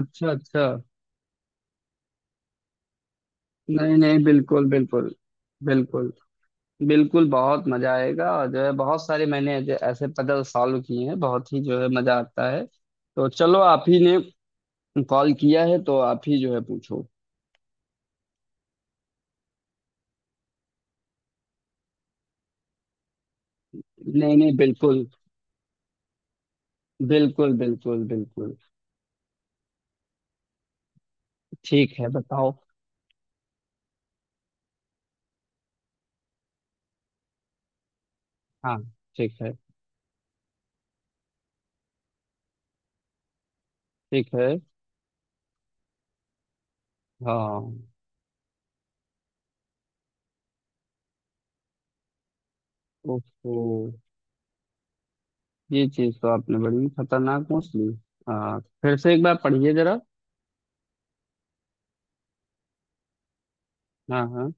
अच्छा अच्छा। नहीं नहीं, बिल्कुल बिल्कुल। बिल्कुल। बिल्कुल बहुत मजा आएगा और जो है बहुत सारे मैंने ऐसे ऐसे पजल सॉल्व किए हैं, बहुत ही जो है मजा आता है। तो चलो, आप ही ने कॉल किया है तो आप ही जो है पूछो। नहीं नहीं, बिल्कुल। बिल्कुल बिल्कुल बिल्कुल। ठीक है बताओ। हाँ। ठीक है। ठीक है। हाँ। ओहो, ये चीज तो आपने बड़ी खतरनाक पूछ ली। हाँ, फिर से एक बार पढ़िए जरा। हाँ हाँ।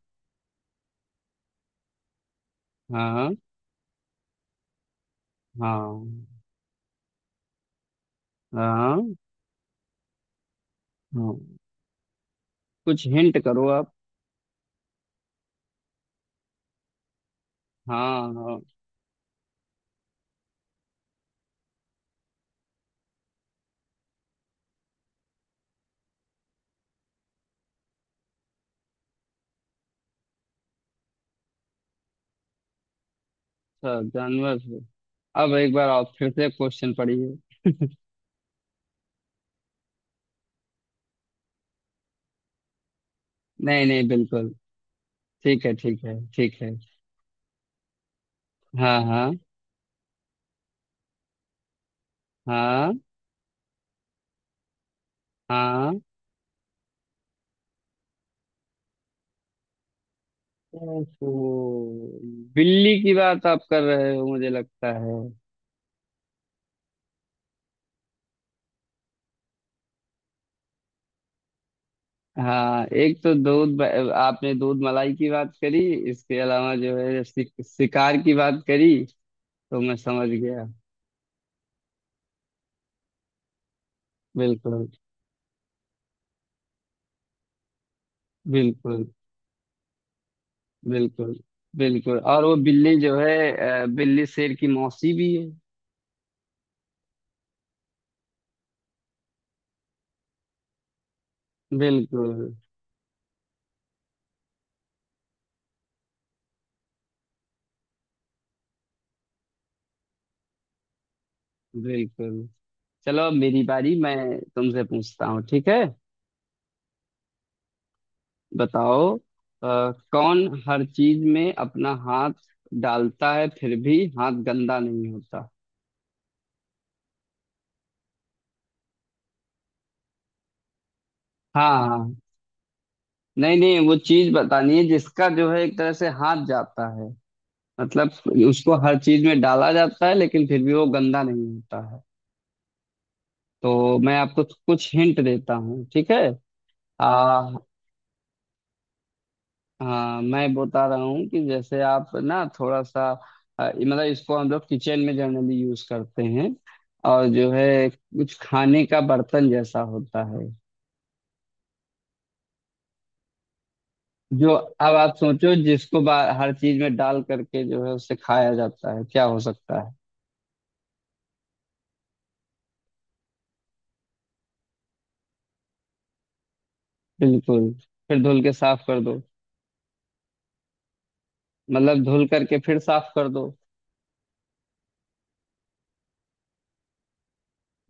हाँ। हाँ। हाँ। हाँ कुछ हिंट करो आप। हाँ हाँ। अच्छा, जानवर से अब एक बार आप फिर से क्वेश्चन पढ़िए। नहीं नहीं, बिल्कुल। ठीक है ठीक है ठीक है। हाँ हाँ। हाँ। हाँ। ओहो, बिल्ली की बात आप कर रहे हो मुझे लगता है। हाँ, एक तो दूध आपने दूध मलाई की बात करी। इसके अलावा जो है शिकार की बात करी तो मैं समझ गया। बिल्कुल बिल्कुल। बिल्कुल। बिल्कुल और वो बिल्ली जो है बिल्ली शेर की मौसी भी है। बिल्कुल। बिल्कुल चलो अब मेरी बारी, मैं तुमसे पूछता हूँ ठीक है। बताओ, कौन हर चीज में अपना हाथ डालता है फिर भी हाथ गंदा नहीं होता। हाँ हाँ। नहीं नहीं, वो चीज बतानी है जिसका जो है एक तरह से हाथ जाता है, मतलब उसको हर चीज में डाला जाता है लेकिन फिर भी वो गंदा नहीं होता है। तो मैं आपको कुछ हिंट देता हूँ ठीक है। आ, हाँ मैं बता रहा हूँ कि जैसे आप ना थोड़ा सा मतलब इसको हम लोग किचन में जनरली यूज करते हैं और जो है कुछ खाने का बर्तन जैसा होता है। जो, अब आप सोचो, जिसको हर चीज में डाल करके जो है उसे खाया जाता है क्या हो सकता है। बिल्कुल, फिर धुल के साफ कर दो, मतलब धुल करके फिर साफ कर दो।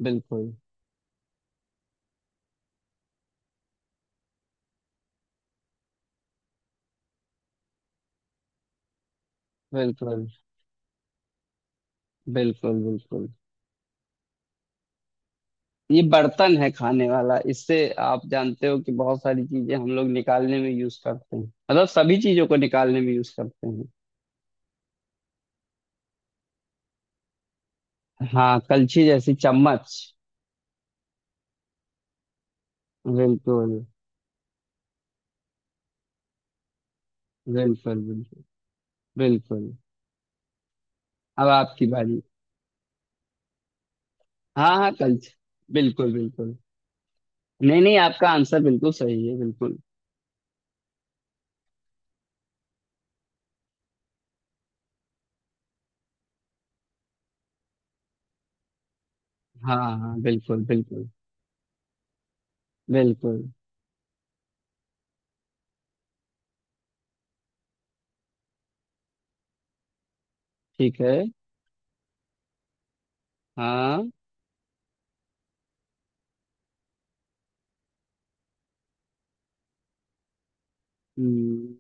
बिल्कुल बिल्कुल। बिल्कुल। बिल्कुल ये बर्तन है खाने वाला। इससे आप जानते हो कि बहुत सारी चीजें हम लोग निकालने में यूज करते हैं, मतलब सभी चीजों को निकालने में यूज करते हैं। हाँ, कलछी जैसी चम्मच। बिल्कुल बिल्कुल। बिल्कुल। बिल्कुल। अब आपकी बारी। हाँ हाँ, कलछी। बिल्कुल बिल्कुल। नहीं नहीं, आपका आंसर बिल्कुल सही है बिल्कुल। हाँ हाँ, बिल्कुल बिल्कुल बिल्कुल। ठीक है। हाँ। हम्म,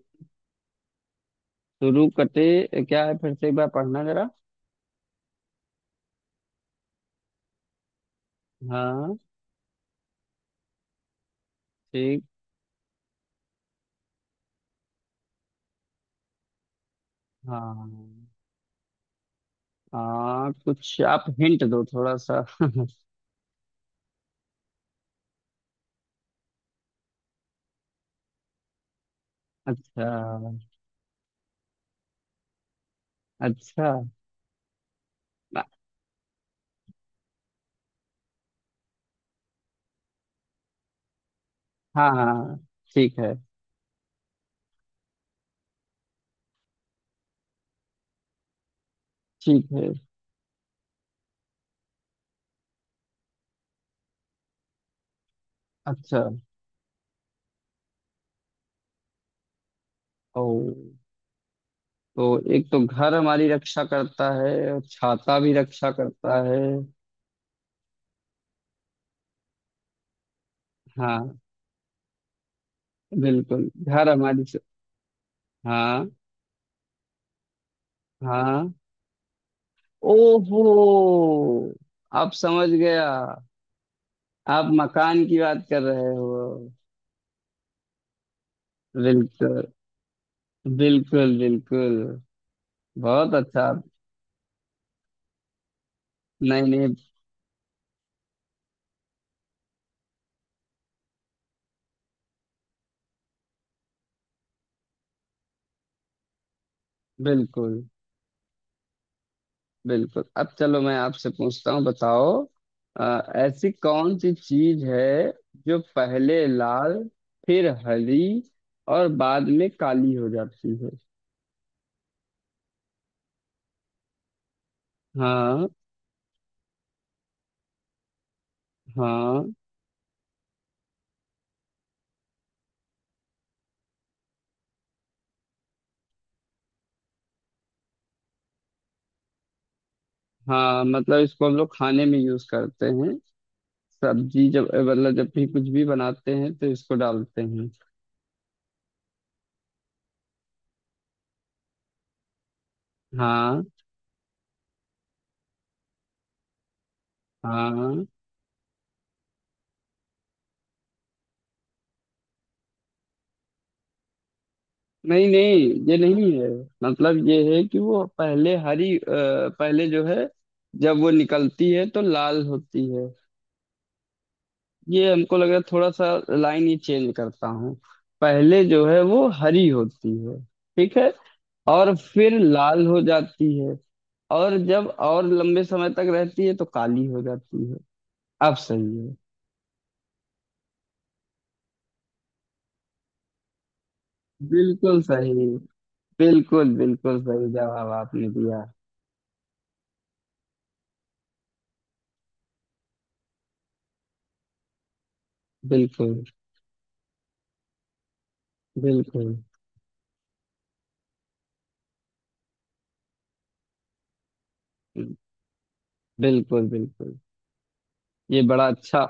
शुरू कटे क्या है, फिर से एक बार पढ़ना जरा। हाँ। ठीक। हाँ। हाँ, कुछ आप हिंट दो थोड़ा सा अच्छा। अच्छा। हाँ हाँ। ठीक है। ठीक है। अच्छा। ओ, तो एक तो घर हमारी रक्षा करता है और छाता भी रक्षा करता है। हाँ, बिल्कुल घर हमारी हाँ। हाँ। ओहो, आप समझ गया। आप मकान की बात कर रहे हो। बिल्कुल। बिल्कुल बिल्कुल। बहुत अच्छा। नहीं नहीं। बिल्कुल। बिल्कुल अब चलो मैं आपसे पूछता हूँ। बताओ, ऐसी कौन सी चीज है जो पहले लाल, फिर हरी और बाद में काली हो जाती है। हाँ। हाँ। हाँ, मतलब इसको हम लोग खाने में यूज करते हैं। सब्जी जब, मतलब जब भी कुछ भी बनाते हैं तो इसको डालते हैं। हाँ। हाँ। नहीं नहीं, ये नहीं है। मतलब ये है कि वो पहले हरी पहले जो है जब वो निकलती है तो लाल होती है, ये हमको लग रहा है थोड़ा सा। लाइन ही चेंज करता हूँ। पहले जो है वो हरी होती है, ठीक है, और फिर लाल हो जाती है, और जब और लंबे समय तक रहती है तो काली हो जाती है, अब सही है। बिल्कुल सही, बिल्कुल बिल्कुल सही जवाब आपने दिया। बिल्कुल बिल्कुल बिल्कुल। बिल्कुल ये बड़ा अच्छा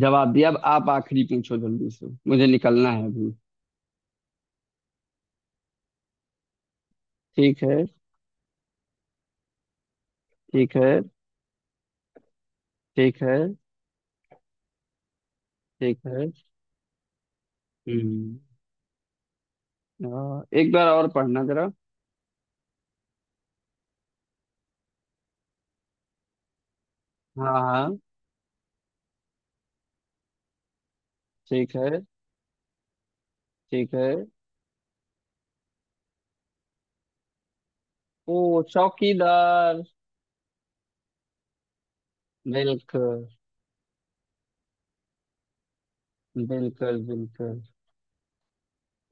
जवाब दिया। अब आप आखिरी पूछो, जल्दी से मुझे निकलना है अभी। ठीक है। ठीक है ठीक है ठीक है। हम्म। हाँ, एक बार और पढ़ना जरा। हाँ। हाँ। ठीक है। ठीक है। ओ, चौकीदार। बिल्कुल। बिल्कुल बिल्कुल।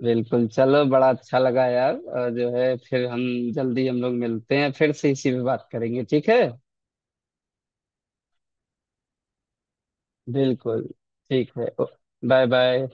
बिल्कुल चलो बड़ा अच्छा लगा यार, और जो है फिर हम जल्दी हम लोग मिलते हैं फिर से इसी पे बात करेंगे ठीक है। बिल्कुल। ठीक है। Bye bye.